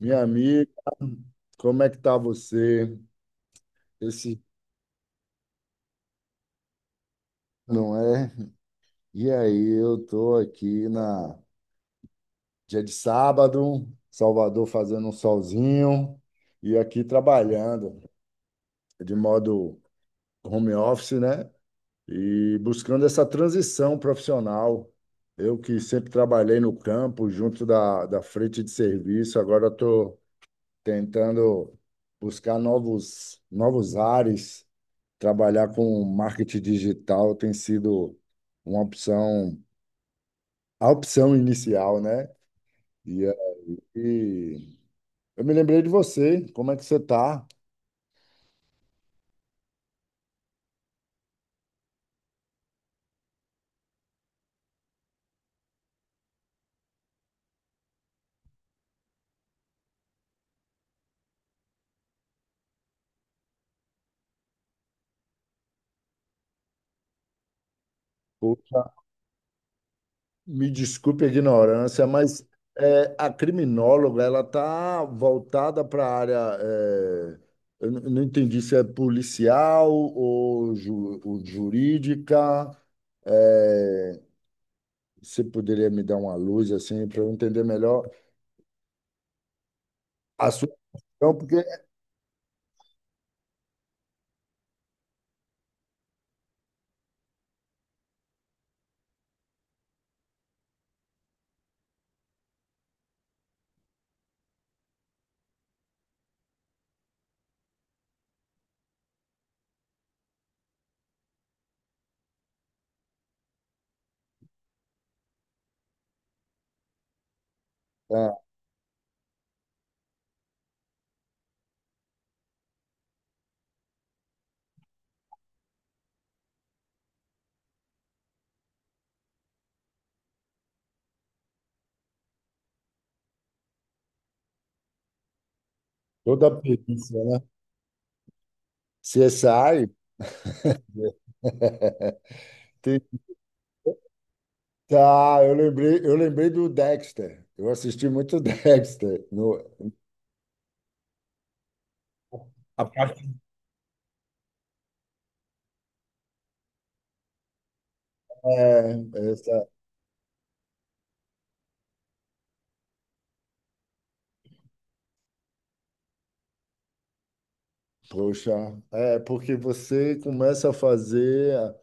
Minha amiga, como é que tá você? Esse Não é? E aí, eu tô aqui na dia de sábado, Salvador fazendo um solzinho e aqui trabalhando de modo home office, né? E buscando essa transição profissional. Eu que sempre trabalhei no campo, junto da frente de serviço, agora estou tentando buscar novos ares. Trabalhar com marketing digital tem sido uma opção, a opção inicial, né? E aí, eu me lembrei de você, como é que você está? Poxa, me desculpe a ignorância, mas a criminóloga, ela está voltada para a área, não entendi se é policial ou, ou jurídica, é, você poderia me dar uma luz assim para eu entender melhor a sua opção, porque é, toda a perícia, né? CSI? Tem- Tá, eu lembrei do Dexter. Eu assisti muito Dexter. No, A parte, é, é, poxa, é porque você começa a fazer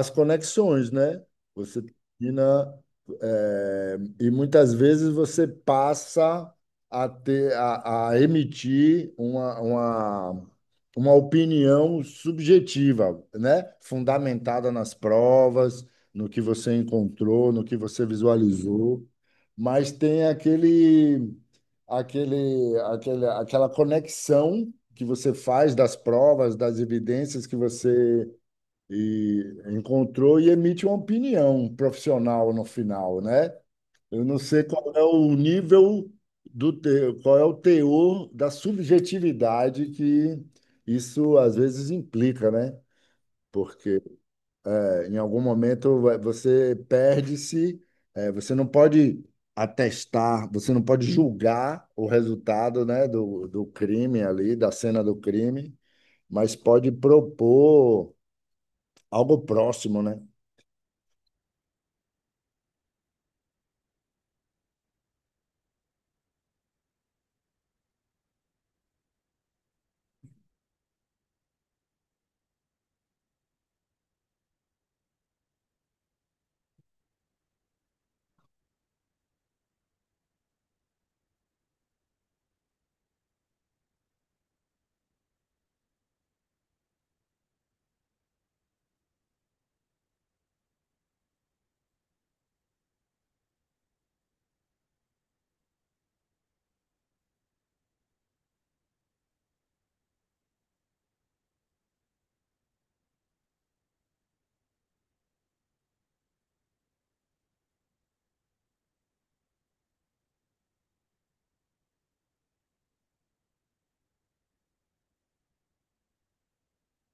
as conexões, né? Você termina, e muitas vezes você passa a a emitir uma opinião subjetiva, né? Fundamentada nas provas, no que você encontrou, no que você visualizou, mas tem aquele aquele, aquele, aquela conexão que você faz das provas, das evidências que você e, encontrou e emite uma opinião profissional no final, né? Eu não sei qual é o nível qual é o teor da subjetividade que isso às vezes implica, né? Porque em algum momento você perde-se, você não pode atestar, você não pode julgar o resultado, né, do crime ali, da cena do crime, mas pode propor algo próximo, né?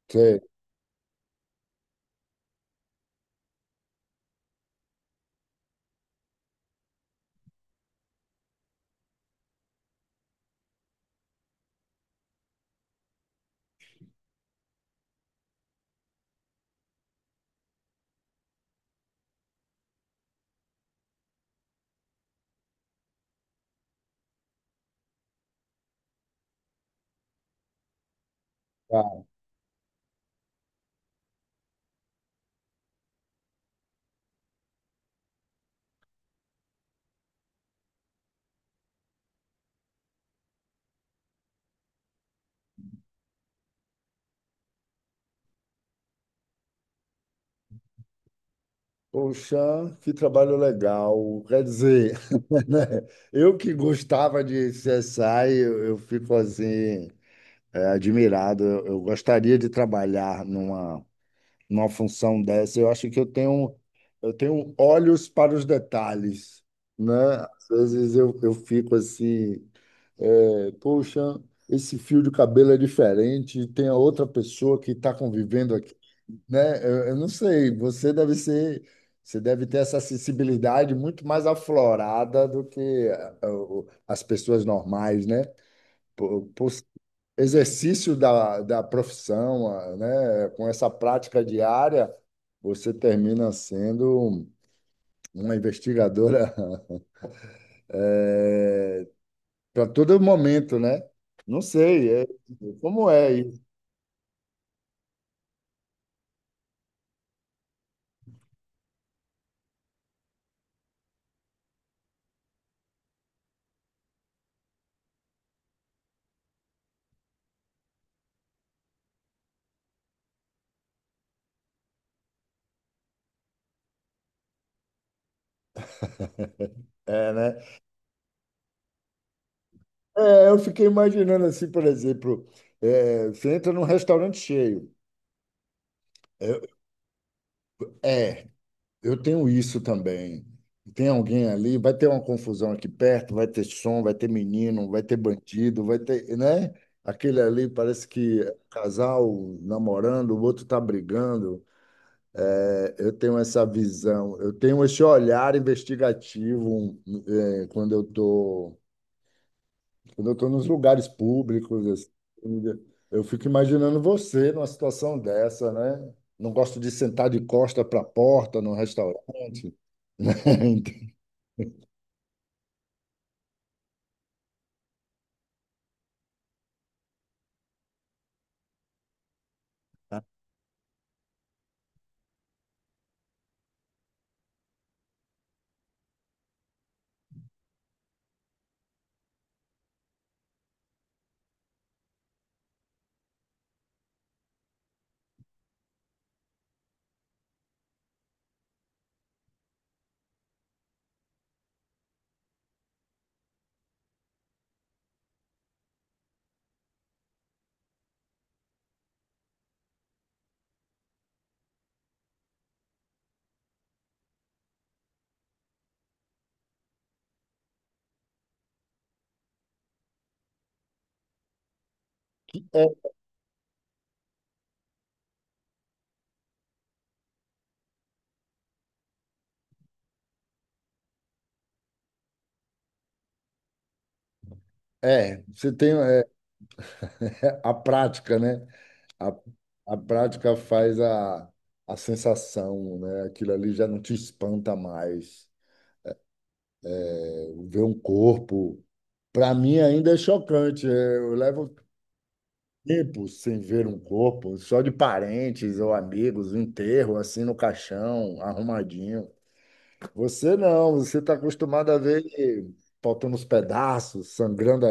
Você, ah, Poxa, que trabalho legal. Quer dizer, né? Eu que gostava de CSI, eu fico assim, admirado. Eu gostaria de trabalhar numa numa função dessa. Eu acho que eu tenho olhos para os detalhes, né? Às vezes eu fico assim, poxa, esse fio de cabelo é diferente, tem a outra pessoa que está convivendo aqui, né? Eu não sei, você deve ter essa sensibilidade muito mais aflorada do que as pessoas normais, né? Por exercício da profissão, né? Com essa prática diária, você termina sendo uma investigadora para todo momento, né? Não sei, como é isso, é, né? É, eu fiquei imaginando assim, por exemplo, você entra num restaurante cheio. é é. Eu tenho isso também. Tem alguém ali, vai ter uma confusão aqui perto, vai ter som, vai ter menino, vai ter bandido, vai ter, né? Aquele ali parece que é casal namorando, o outro tá brigando. É, eu tenho essa visão, eu tenho esse olhar investigativo, né, quando eu tô nos lugares públicos, assim, né? Eu fico imaginando você numa situação dessa, né? Não gosto de sentar de costa para a porta num restaurante. Né? É, você tem a prática, né? A, a prática faz a sensação, né? Aquilo ali já não te espanta mais. É, ver um corpo, para mim ainda é chocante. Eu levo tempo sem ver um corpo, só de parentes ou amigos, um enterro assim no caixão, arrumadinho. Você não, você está acostumado a ver faltando os pedaços, sangrando.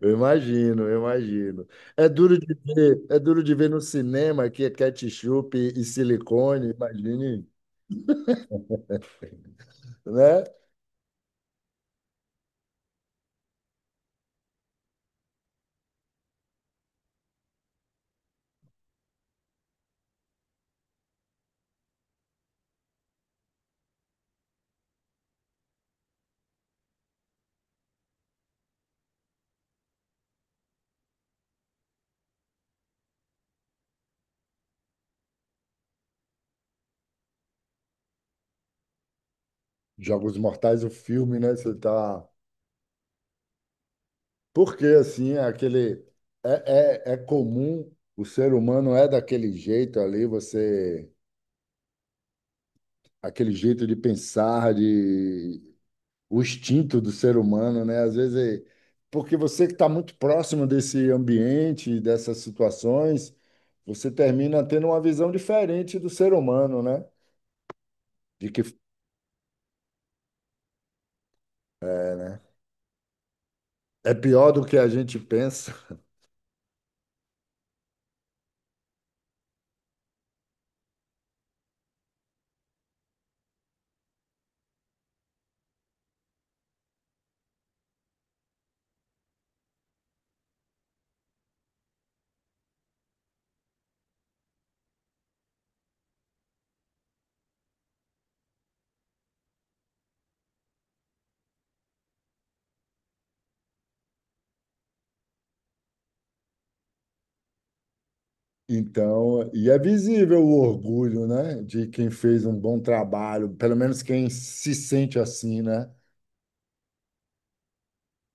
Eu imagino, eu imagino. É duro de ver, é duro de ver no cinema que é ketchup e silicone, imagine, né? Jogos Mortais, o filme, né? Você tá. Porque assim, é aquele é comum, o ser humano é daquele jeito ali, você aquele jeito de pensar, de o instinto do ser humano, né? Às vezes, é- porque você que está muito próximo desse ambiente, dessas situações, você termina tendo uma visão diferente do ser humano, né? De que é, né? É pior do que a gente pensa. Então, e é visível o orgulho, né? De quem fez um bom trabalho, pelo menos quem se sente assim, né?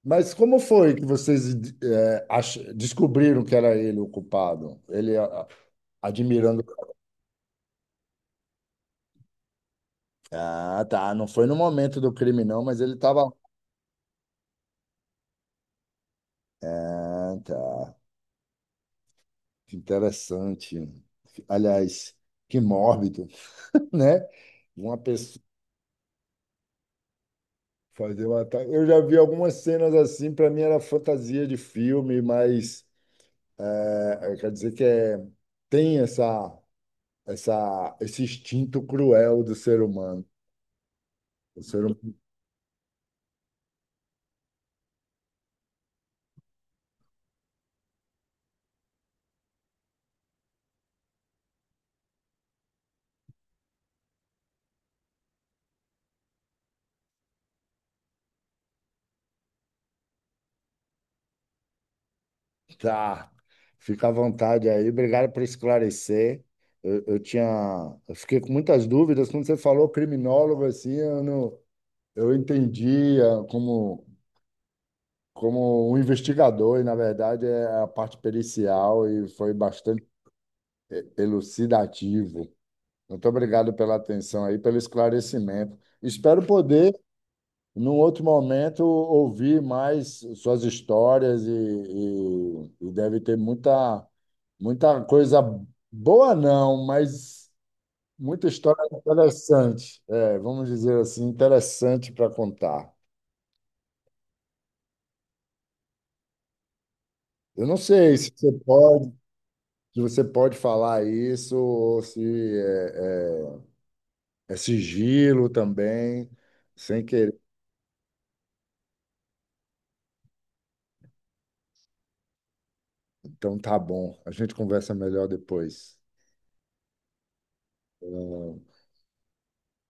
Mas como foi que vocês descobriram que era ele o culpado? Admirando. Ah, tá. Não foi no momento do crime, não, mas ele estava. Ah, tá. Que interessante. Aliás, que mórbido, né? Uma pessoa fazer um ataque. Eu já vi algumas cenas assim, para mim era fantasia de filme, mas é, quer dizer que é, tem essa, esse instinto cruel do ser humano. O ser Tá, fica à vontade aí. Obrigado por esclarecer. Eu, eu tinha, eu fiquei com muitas dúvidas quando você falou criminólogo assim, eu não, eu entendia como como um investigador e na verdade é a parte pericial e foi bastante elucidativo. Muito obrigado pela atenção aí, pelo esclarecimento. Espero poder num outro momento, ouvi mais suas histórias e deve ter muita, muita coisa boa, não, mas muita história interessante. É, vamos dizer assim, interessante para contar. Eu não sei se você pode, se você pode falar isso ou se é sigilo também, sem querer. Então tá bom, a gente conversa melhor depois.